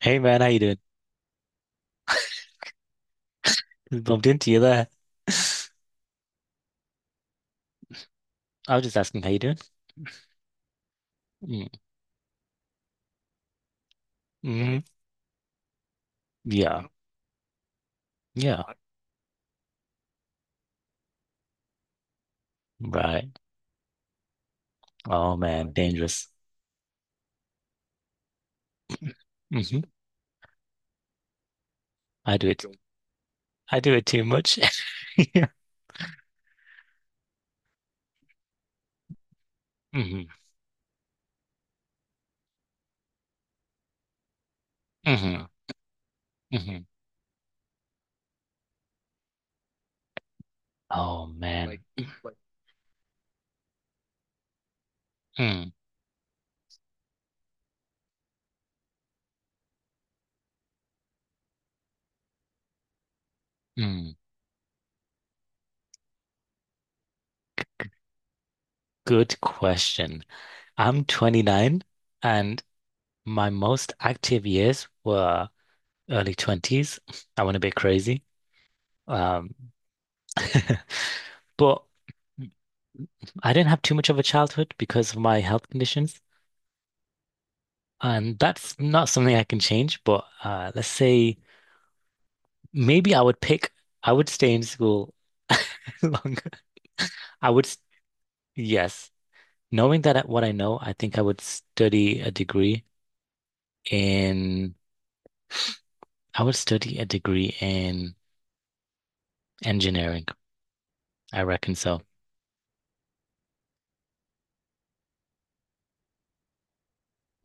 Hey man, how you doing? Bumped into you there. I was just asking how you doing. Mm. hmm Yeah. Yeah. Right. Oh man, dangerous. Hmm I do it. I do it too much. Yeah. hmm hmm hmm Oh man. Mm. Mm. Good question. I'm 29, and my most active years were early 20s. I went a bit crazy. Um, but I didn't have too much of a childhood because of my health conditions. And that's not something I can change, but let's say maybe I would stay in school longer. I would, s- yes, knowing what I know, I think I would study a degree in, I would study a degree in engineering. I reckon so.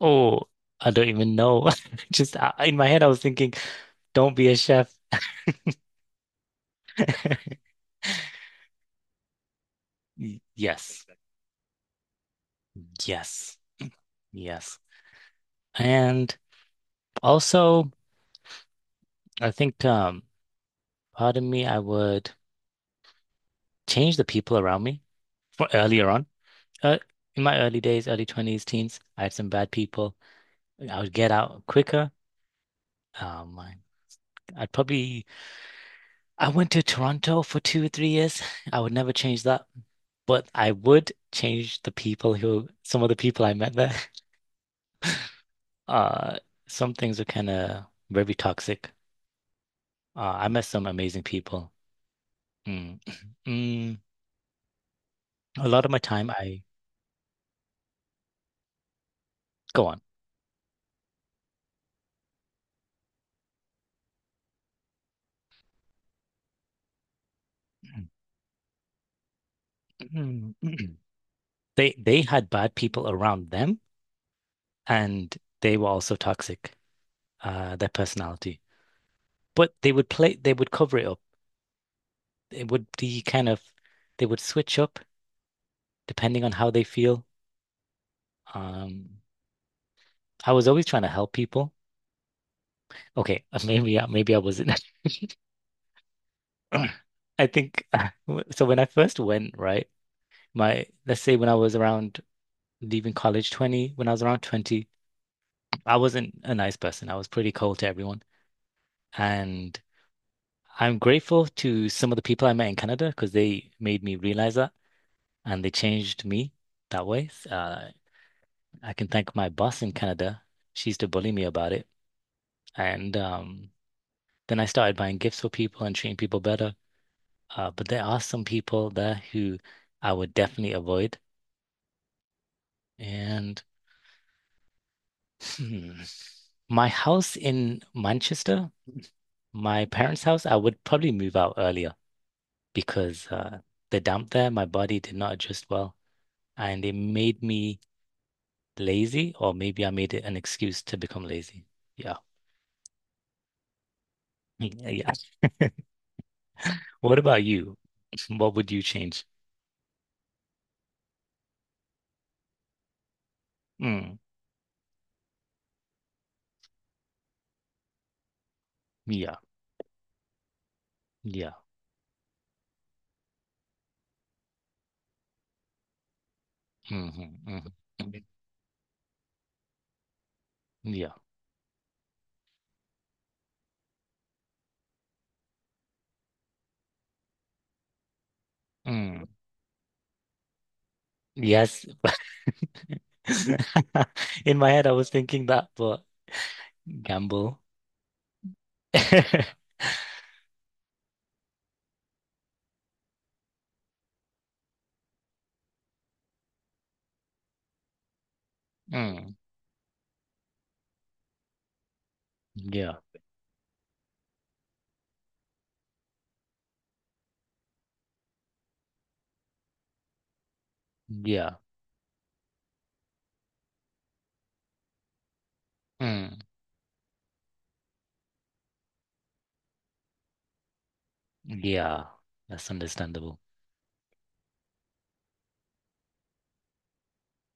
Oh, I don't even know. Just in my head, I was thinking, don't be a chef. Y- Yes, yes, yes. And also, I think pardon me, I would change the people around me for earlier on. Uh, in my early days, early 20s, teens, I had some bad people. I would get out quicker. Oh my. I'd probably, I went to Toronto for 2 or 3 years. I would never change that, but I would change some of the people I met there. Uh, some things are kind of very toxic. I met some amazing people. Mm. Mm. A lot of my time, I go on. They had bad people around them, and they were also toxic, their personality. But they would cover it up. It would be kind of, they would switch up depending on how they feel. Um, I was always trying to help people. Okay, maybe I wasn't. I think When I first went, right, my let's say when I was around 20, I wasn't a nice person. I was pretty cold to everyone, and I'm grateful to some of the people I met in Canada because they made me realize that, and they changed me that way. I can thank my boss in Canada. She used to bully me about it. And then I started buying gifts for people and treating people better. But there are some people there who I would definitely avoid. And hmm, my house in Manchester, my parents' house, I would probably move out earlier because the damp there, my body did not adjust well, and it made me lazy, or maybe I made it an excuse to become lazy. Yeah. Mm, yeah. What about you? What would you change? Mm, yeah. Yeah. Mm-hmm, mm-hmm. Yeah. Mm. Yes. In my head, I was thinking that, but gamble. Mm, yeah. Yeah. Mm, yeah. That's understandable.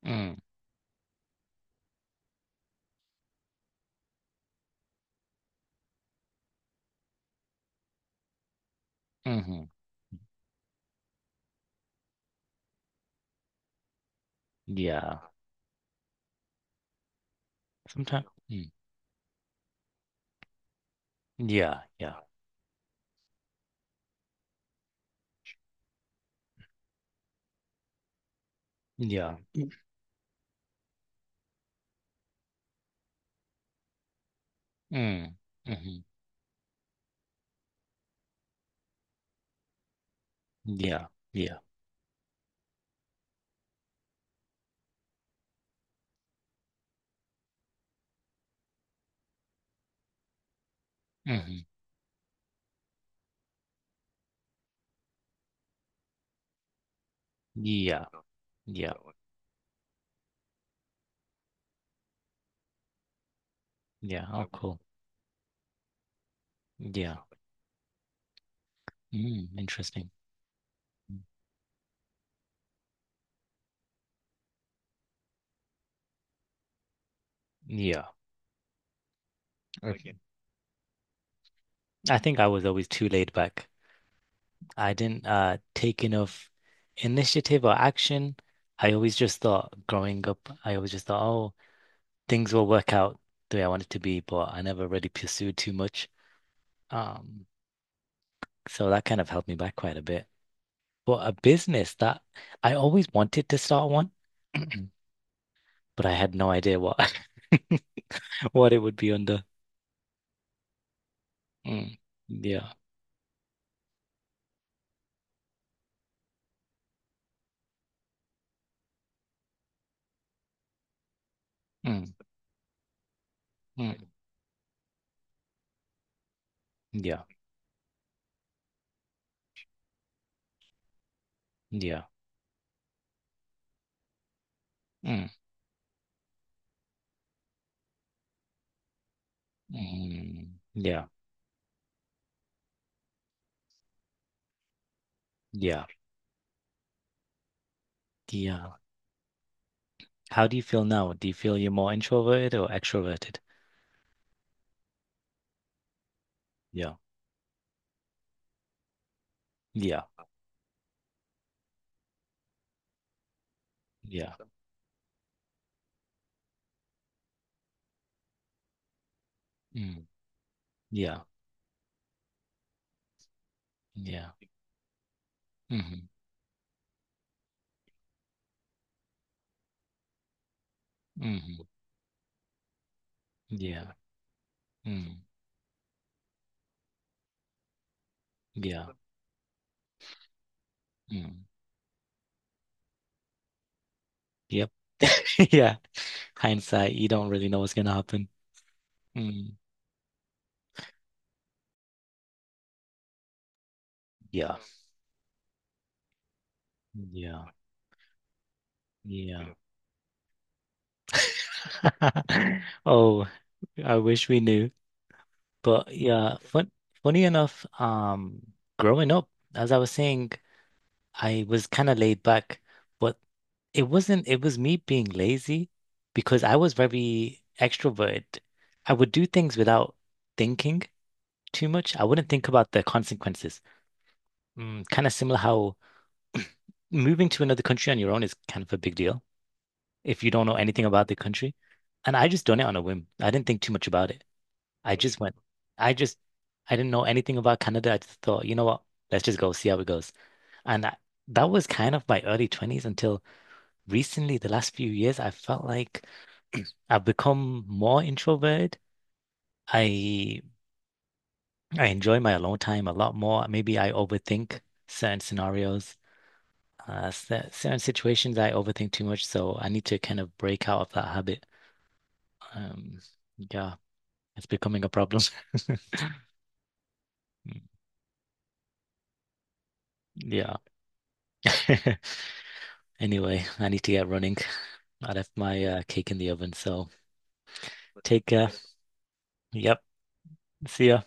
Mm, hmm Yeah. Sometimes. Mm, yeah. Yeah. Yeah. Mm, mhm. Yeah, yeah. hmm Yeah, so, yeah, so yeah. Oh, cool. Yeah. Mm, interesting. Yeah. Okay. I think I was always too laid back. I didn't take enough initiative or action. I always just thought growing up, I always just thought, oh, things will work out the way I want it to be, but I never really pursued too much. Um, so that kind of held me back quite a bit. But a business that I always wanted to start one, but I had no idea what. what it would be under. Mm, yeah. Mm, mm, yeah. Yeah. Mm, mm, yeah. Yeah. Yeah. How do you feel now? Do you feel you're more introverted or extroverted? Yeah. Yeah. Yeah. Mm, yeah. Yeah. Mm, mm, yeah. Mm, yeah. Mm, yep. Yeah. Hindsight, you don't really know what's gonna happen. Mm, yeah. Yeah. Yeah. Oh, I wish we knew. But yeah, funny enough, growing up, as I was saying, I was kind of laid back, but it wasn't, it was me being lazy because I was very extroverted. I would do things without thinking too much. I wouldn't think about the consequences. Mm, kind of similar how moving to another country on your own is kind of a big deal if you don't know anything about the country. And I just done it on a whim. I didn't think too much about it. I just went. I just I didn't know anything about Canada. I just thought, you know what? Let's just go see how it goes. And I, that was kind of my early 20s until recently. The last few years, I felt like I've become more introverted. I I enjoy my alone time a lot more. Maybe I overthink certain scenarios, certain situations I overthink too much, so I need to kind of break out of that habit. Um, yeah, it's becoming a problem. Yeah. Anyway, I need to get running. I left my cake in the oven, so take care. Yep. See ya.